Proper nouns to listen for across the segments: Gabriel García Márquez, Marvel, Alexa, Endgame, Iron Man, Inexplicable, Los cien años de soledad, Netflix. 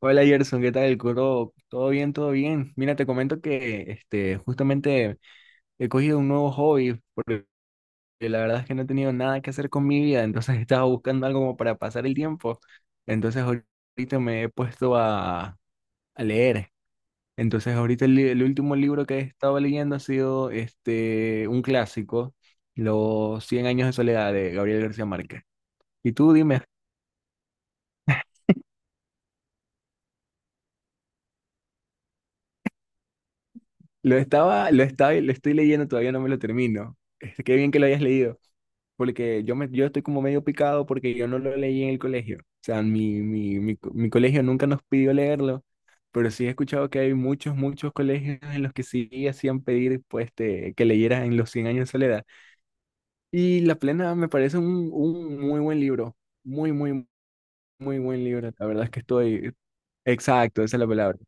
Hola Gerson, ¿qué tal? Curo, todo bien, todo bien. Mira, te comento que justamente he cogido un nuevo hobby, porque la verdad es que no he tenido nada que hacer con mi vida, entonces estaba buscando algo como para pasar el tiempo. Entonces ahorita me he puesto a leer. Entonces ahorita el último libro que he estado leyendo ha sido un clásico, Los cien años de soledad de Gabriel García Márquez. Y tú dime, lo estoy leyendo, todavía no me lo termino. Este, qué bien que lo hayas leído. Porque yo estoy como medio picado porque yo no lo leí en el colegio. O sea, mi colegio nunca nos pidió leerlo, pero sí he escuchado que hay muchos colegios en los que sí hacían pedir pues, que leyeras en los cien años de soledad. Y La Plena me parece un muy buen libro, muy, muy, muy buen libro. La verdad es que estoy... Exacto, esa es la palabra.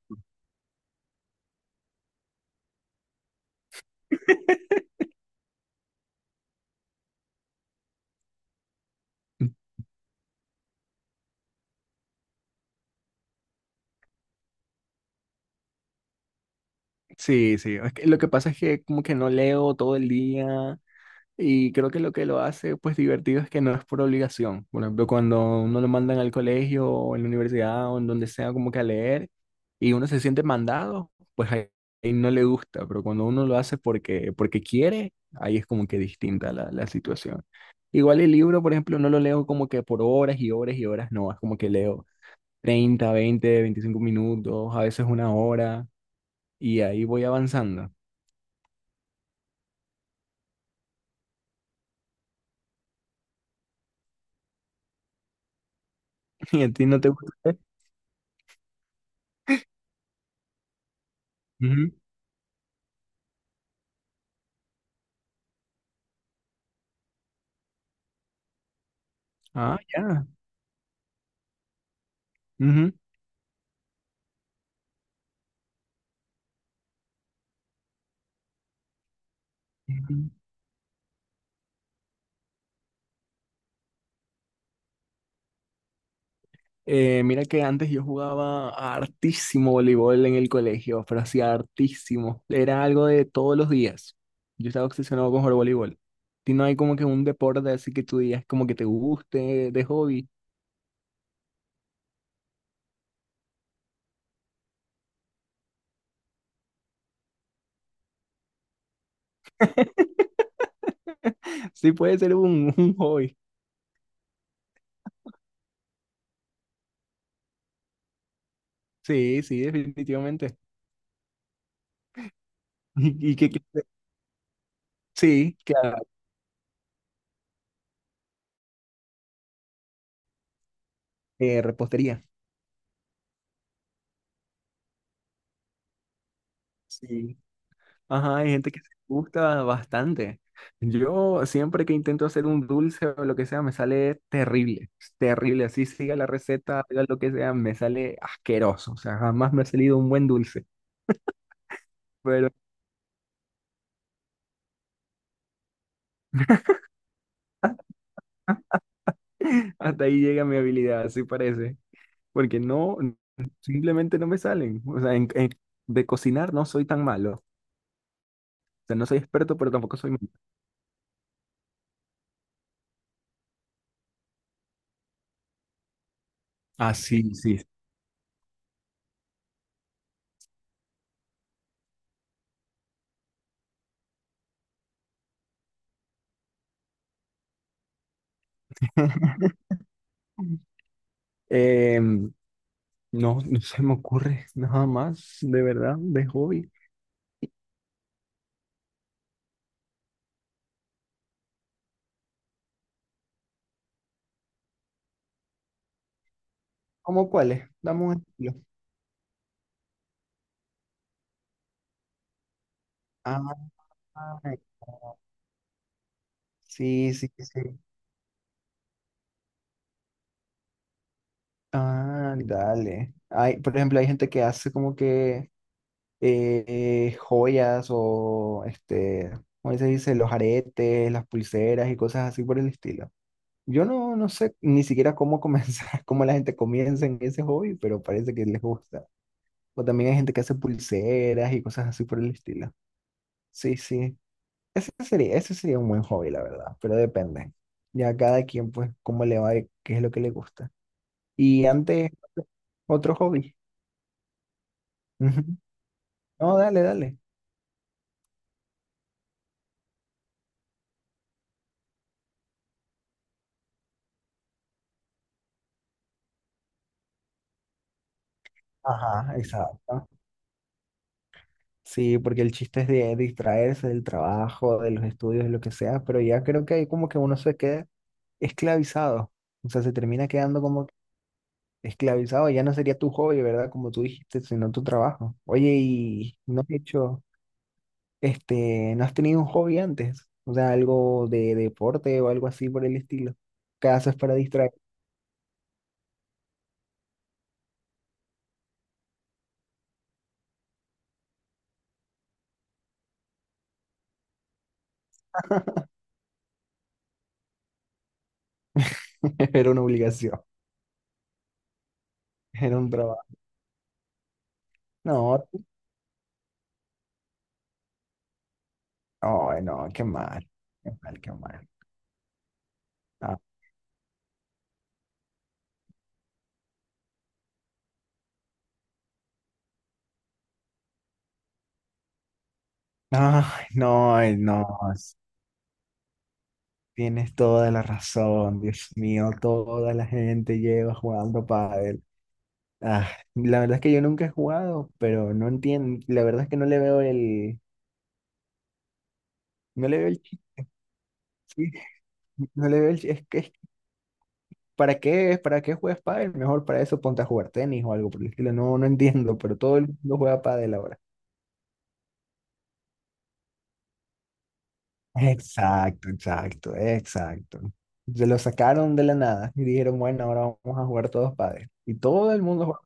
Sí, sí. Es que lo que pasa es que como que no leo todo el día. Y creo que lo hace pues divertido es que no es por obligación. Por ejemplo, cuando uno lo mandan al colegio o en la universidad o en donde sea como que a leer y uno se siente mandado, pues ahí no le gusta, pero cuando uno lo hace porque quiere, ahí es como que distinta la situación. Igual el libro, por ejemplo, no lo leo como que por horas y horas y horas, no, es como que leo 30 20 25 minutos, a veces una hora y ahí voy avanzando. ¿Y a ti no te gusta? Ujú. Ah, ya. Ujú. Mira que antes yo jugaba hartísimo voleibol en el colegio, pero hacía hartísimo. Era algo de todos los días. Yo estaba obsesionado con jugar voleibol. ¿Y no hay como que un deporte así que tú digas como que te guste de hobby? Sí, puede ser un hobby. Sí, sí, definitivamente. Y, y que, que- sí, claro, repostería. Sí. Ajá, hay gente que se gusta bastante. Yo siempre que intento hacer un dulce o lo que sea, me sale terrible, terrible. Así siga la receta, haga lo que sea, me sale asqueroso. O sea, jamás me ha salido un buen dulce. Pero hasta ahí llega mi habilidad, así parece. Porque no, simplemente no me salen. O sea, de cocinar no soy tan malo. O sea, no soy experto, pero tampoco soy malo. Ah, sí, sí. Em, no, no se me ocurre nada más, de verdad, de hobby. ¿Cómo cuáles? Dame un ejemplo. Ah, sí, sí, sí. Sí. Ah, dale. Hay, por ejemplo, hay gente que hace como que joyas o ¿cómo se dice? Los aretes, las pulseras y cosas así por el estilo. Yo no, no sé ni siquiera cómo comenzar, cómo la gente comienza en ese hobby, pero parece que les gusta. O también hay gente que hace pulseras y cosas así por el estilo. Sí, sí. Ese sería un buen hobby, la verdad, pero depende. Ya cada quien, pues, cómo le va y qué es lo que le gusta. Y antes, otro hobby. Ujú. No, dale, dale. Ajá, exacto. Sí, porque el chiste es de distraerse del trabajo, de los estudios, de lo que sea, pero ya creo que ahí como que uno se queda esclavizado. O sea, se termina quedando como esclavizado. Ya no sería tu hobby, ¿verdad? Como tú dijiste, sino tu trabajo. Oye, ¿y no has hecho? ¿No has tenido un hobby antes? O sea, algo de deporte o algo así por el estilo. ¿Qué haces para distraer? Era una obligación, era un trabajo. No, no, no, qué mal, qué mal, qué mal. Ah, ay, no, tienes toda la razón, Dios mío, toda la gente lleva jugando pádel. Ah, la verdad es que yo nunca he jugado, pero no entiendo, la verdad es que no le veo no le veo el chiste, no le veo es que, es ¿para qué, para qué juegas pádel? Mejor para eso ponte a jugar tenis o algo por el estilo. No, no entiendo, pero todo el mundo juega pádel ahora. Exacto, exacto, exacto. Se lo sacaron de la nada y dijeron, bueno, ahora vamos a jugar todos pádel. Y todo el mundo juega.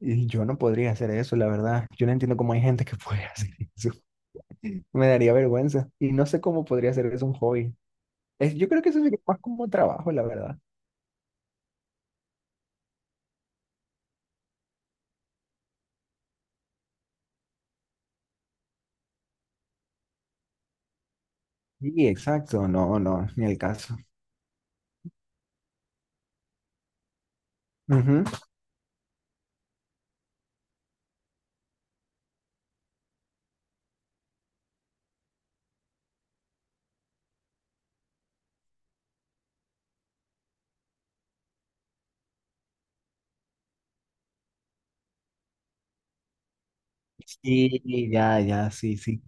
Y yo no podría hacer eso, la verdad. Yo no entiendo cómo hay gente que puede hacer eso. Me daría vergüenza. Y no sé cómo podría hacer eso un hobby. Es, yo creo que eso sería más como trabajo, la verdad. Sí, exacto. No, no, ni el caso. Ujú. Sí, ya, ya, sí, sí.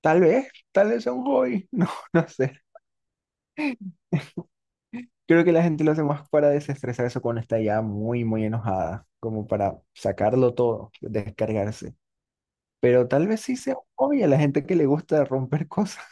Tal vez sea un hobby, no, no sé. Creo que la gente lo hace más para desestresarse cuando está ya muy, muy enojada, como para sacarlo todo, descargarse. Pero tal vez sí sea un hobby a la gente que le gusta romper cosas.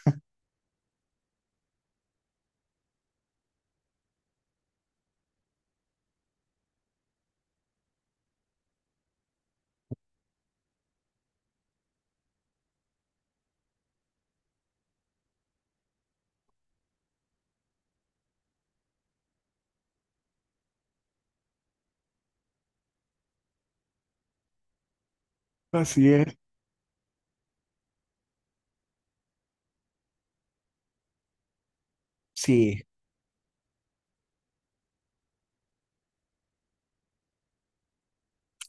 Así es. Sí,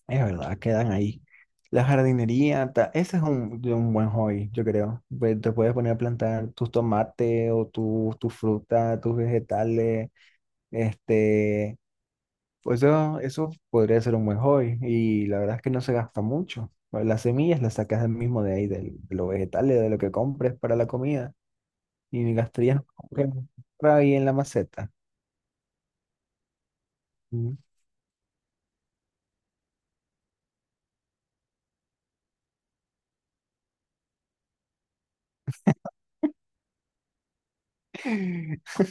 es verdad, quedan ahí. La jardinería, ese es un, de un buen hobby, yo creo. Pues te puedes poner a plantar tus tomates o tus tu fruta, tus vegetales, este, pues eso podría ser un buen hobby y la verdad es que no se gasta mucho. Bueno, las semillas las sacas del mismo de ahí, de los vegetales, de lo que compres para la comida y gastarías como que ahí en la maceta. Mm.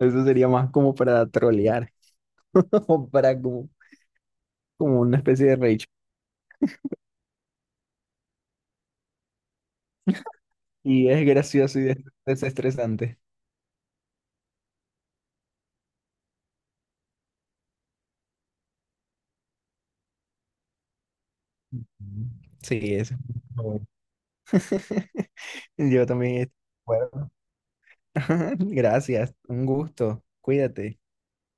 Eso sería más como para trolear o para como, como una especie de rage. Y es gracioso y desestresante. Ujú. Sí, eso. Bueno. Yo también. Bueno, gracias, un gusto. Cuídate.